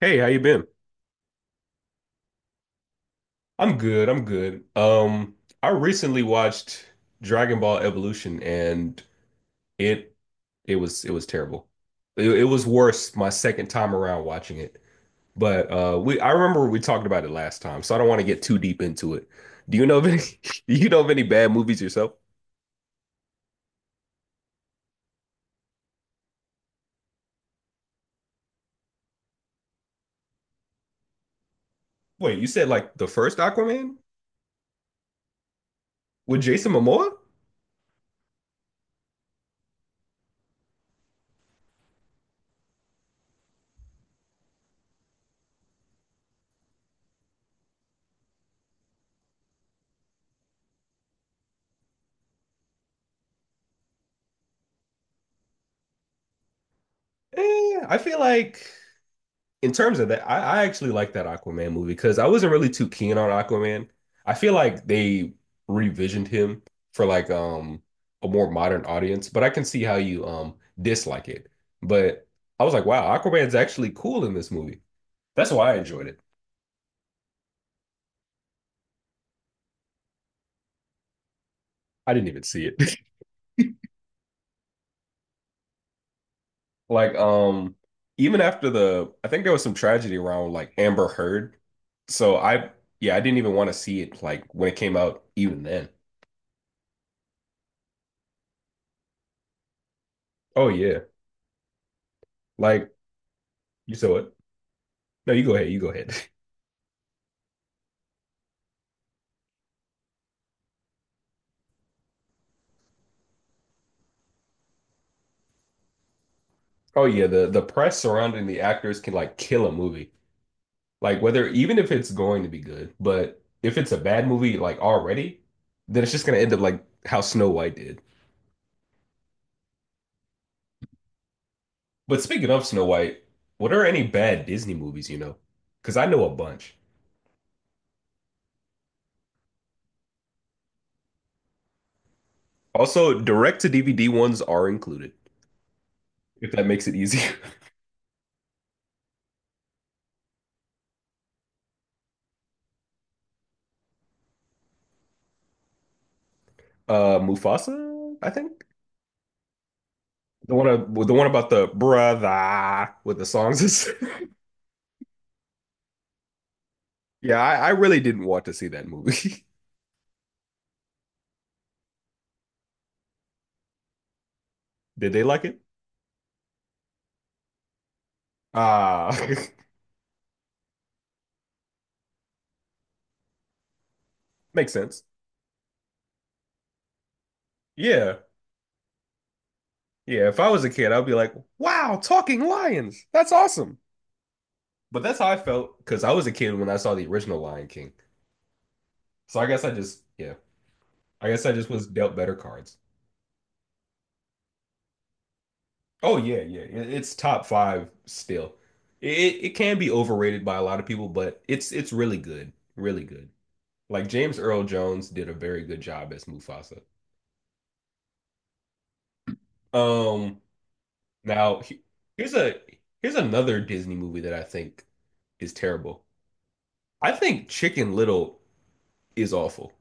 Hey, how you been? I'm good. I'm good. I recently watched Dragon Ball Evolution and it it was terrible. It was worse my second time around watching it. But we I remember we talked about it last time, so I don't want to get too deep into it. Do you know of any do you know of any bad movies yourself? Wait, you said like the first Aquaman with Jason Momoa? Eh, I feel like in terms of that, I actually like that Aquaman movie because I wasn't really too keen on Aquaman. I feel like they revisioned him for like a more modern audience, but I can see how you dislike it. But I was like, wow, Aquaman's actually cool in this movie. That's why I enjoyed it. I didn't even see it. Like even after the I think there was some tragedy around like Amber Heard. So I yeah, I didn't even want to see it like when it came out even then. Oh yeah. Like you saw it. No, you go ahead. You go ahead. Oh yeah, the press surrounding the actors can like kill a movie. Like whether even if it's going to be good, but if it's a bad movie like already, then it's just gonna end up like how Snow White did. But speaking of Snow White, what are any bad Disney movies you know? Because I know a bunch. Also, direct to DVD ones are included, if that makes it easier. Mufasa, I think the one of, the one about the brother with the songs is. Yeah, I really didn't want to see that movie. Did they like it? Ah, makes sense. Yeah. Yeah. If I was a kid, I'd be like, wow, talking lions. That's awesome. But that's how I felt because I was a kid when I saw the original Lion King. So I guess I just, yeah, I guess I just was dealt better cards. Oh, yeah. Yeah. It- It's top five still. It can be overrated by a lot of people, but it's really good. Really good. Like James Earl Jones did a very good job as Mufasa. Um, now he- Here's a here's another Disney movie that I think is terrible. I think Chicken Little is awful.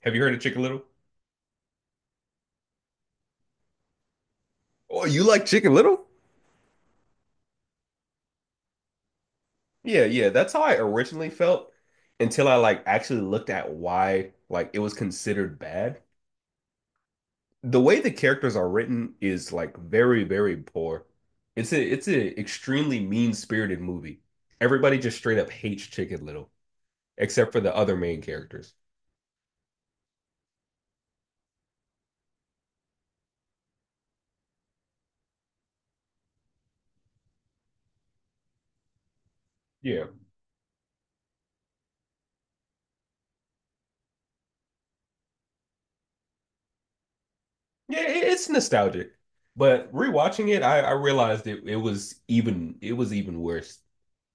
Have you heard of Chicken Little? Oh, you like Chicken Little? Yeah, yeah, that's how I originally felt until I like actually looked at why like it was considered bad. The way the characters are written is like very, very poor. It's a extremely mean-spirited movie. Everybody just straight up hates Chicken Little, except for the other main characters. Yeah. Yeah, it's nostalgic. But rewatching it, I realized it was even it was even worse.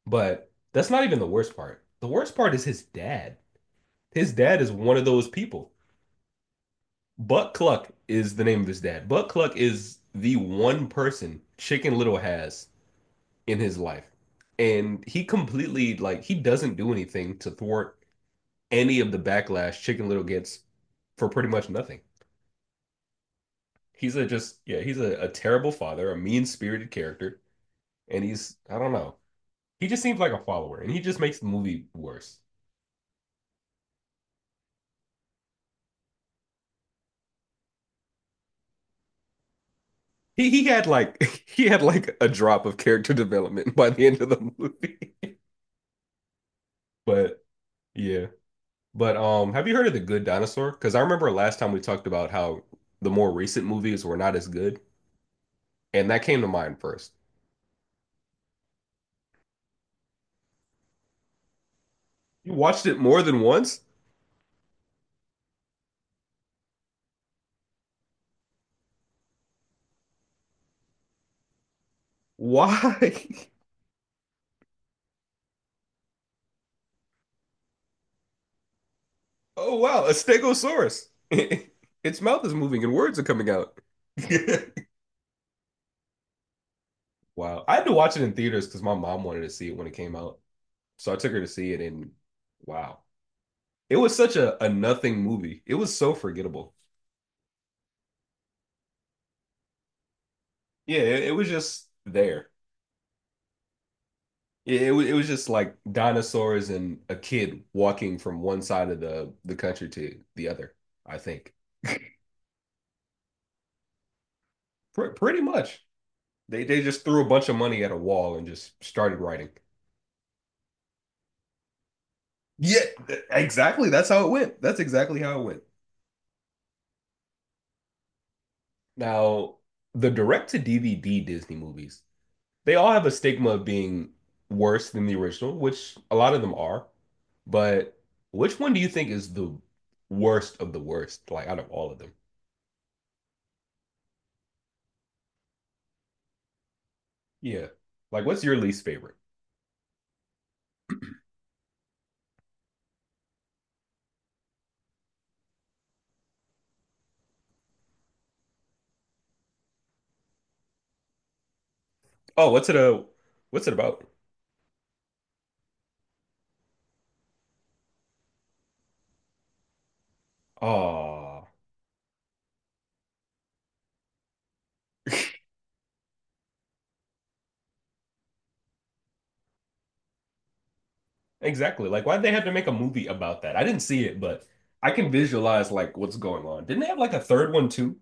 But that's not even the worst part. The worst part is his dad. His dad is one of those people. Buck Cluck is the name of his dad. Buck Cluck is the one person Chicken Little has in his life. And he completely, like, he doesn't do anything to thwart any of the backlash Chicken Little gets for pretty much nothing. He's a just, yeah, he's a terrible father, a mean spirited character. And he's, I don't know. He just seems like a follower and he just makes the movie worse. He had like he had like a drop of character development by the end of the movie. But yeah. But have you heard of The Good Dinosaur? Because I remember last time we talked about how the more recent movies were not as good, and that came to mind first. You watched it more than once? Why? Oh wow, a stegosaurus. Its mouth is moving and words are coming out. Wow. I had to watch it in theaters because my mom wanted to see it when it came out. So I took her to see it and wow. It was such a nothing movie. It was so forgettable. Yeah, it was just there. It was just like dinosaurs and a kid walking from one side of the country to the other, I think. Pretty much. They just threw a bunch of money at a wall and just started writing. Yeah, exactly. That's how it went. That's exactly how it went. Now, the direct to DVD Disney movies they all have a stigma of being worse than the original, which a lot of them are. But which one do you think is the worst of the worst, like out of all of them? Yeah. Like what's your least favorite? Oh, what's it about? Oh, exactly. Like why'd they have to make a movie about that? I didn't see it, but I can visualize like what's going on. Didn't they have like a third one too?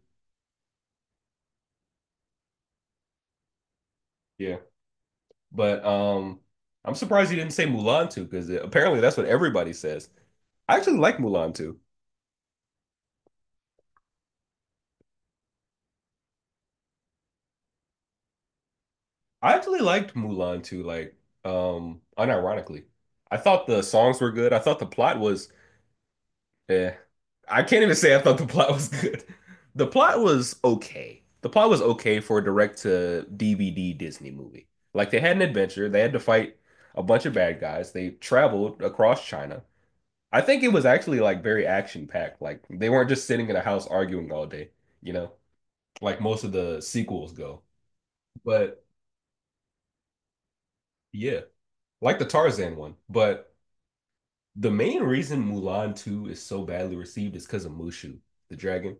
Yeah. But I'm surprised you didn't say Mulan 2 because apparently that's what everybody says. I actually like Mulan 2. I actually liked Mulan too, unironically. I thought the songs were good. I thought the plot was eh. I can't even say I thought the plot was good. The plot was okay. The plot was okay for a direct to DVD Disney movie. Like they had an adventure, they had to fight a bunch of bad guys. They traveled across China. I think it was actually like very action packed. Like they weren't just sitting in a house arguing all day, you know, like most of the sequels go. But yeah, like the Tarzan one. But the main reason Mulan 2 is so badly received is because of Mushu, the dragon.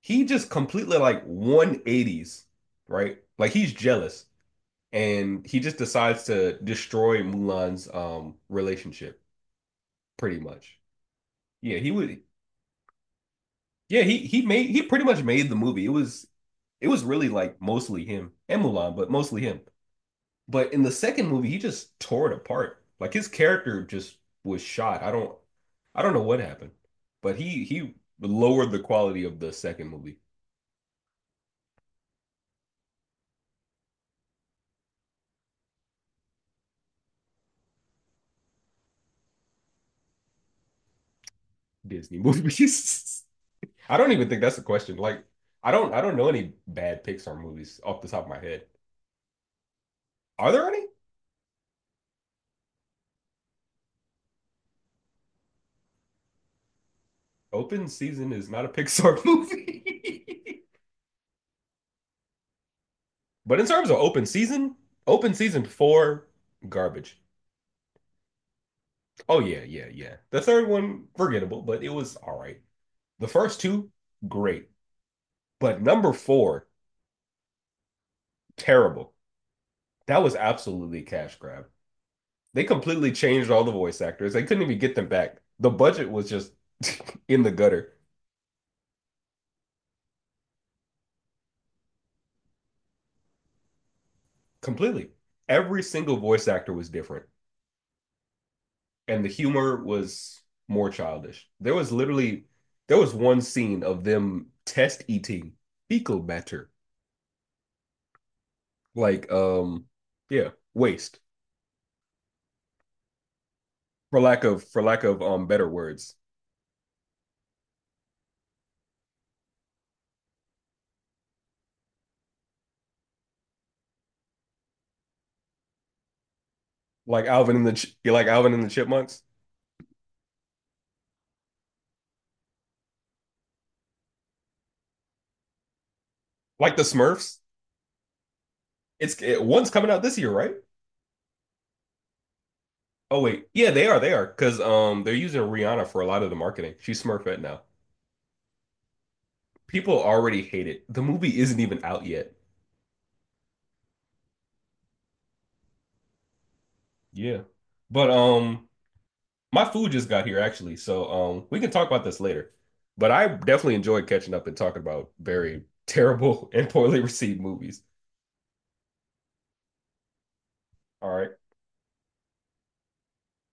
He just completely like 180s, right? Like he's jealous and he just decides to destroy Mulan's relationship pretty much. Yeah, he would yeah, he made he pretty much made the movie. It was really like mostly him and Mulan, but mostly him. But in the second movie, he just tore it apart. Like his character just was shot. I don't know what happened, but he lowered the quality of the second movie, Disney movies. I don't even think that's a question. Like I don't know any bad Pixar movies off the top of my head. Are there any? Open Season is not a Pixar movie. But in terms of Open Season, Open Season 4 garbage. Oh yeah, yeah, yeah. The third one forgettable, but it was all right. The first two, great. But number four, terrible. That was absolutely a cash grab. They completely changed all the voice actors. They couldn't even get them back. The budget was just in the gutter completely. Every single voice actor was different, and the humor was more childish. There was literally there was one scene of them test eating fecal matter, like um, yeah, waste for lack of better words, like Alvin and the like Alvin and the Chipmunks. Like the Smurfs. It's it, one's coming out this year, right? Oh wait, yeah, they are. They are because they're using Rihanna for a lot of the marketing. She's Smurfette now. People already hate it. The movie isn't even out yet. Yeah, but my food just got here actually, so we can talk about this later. But I definitely enjoyed catching up and talking about very terrible and poorly received movies. All right.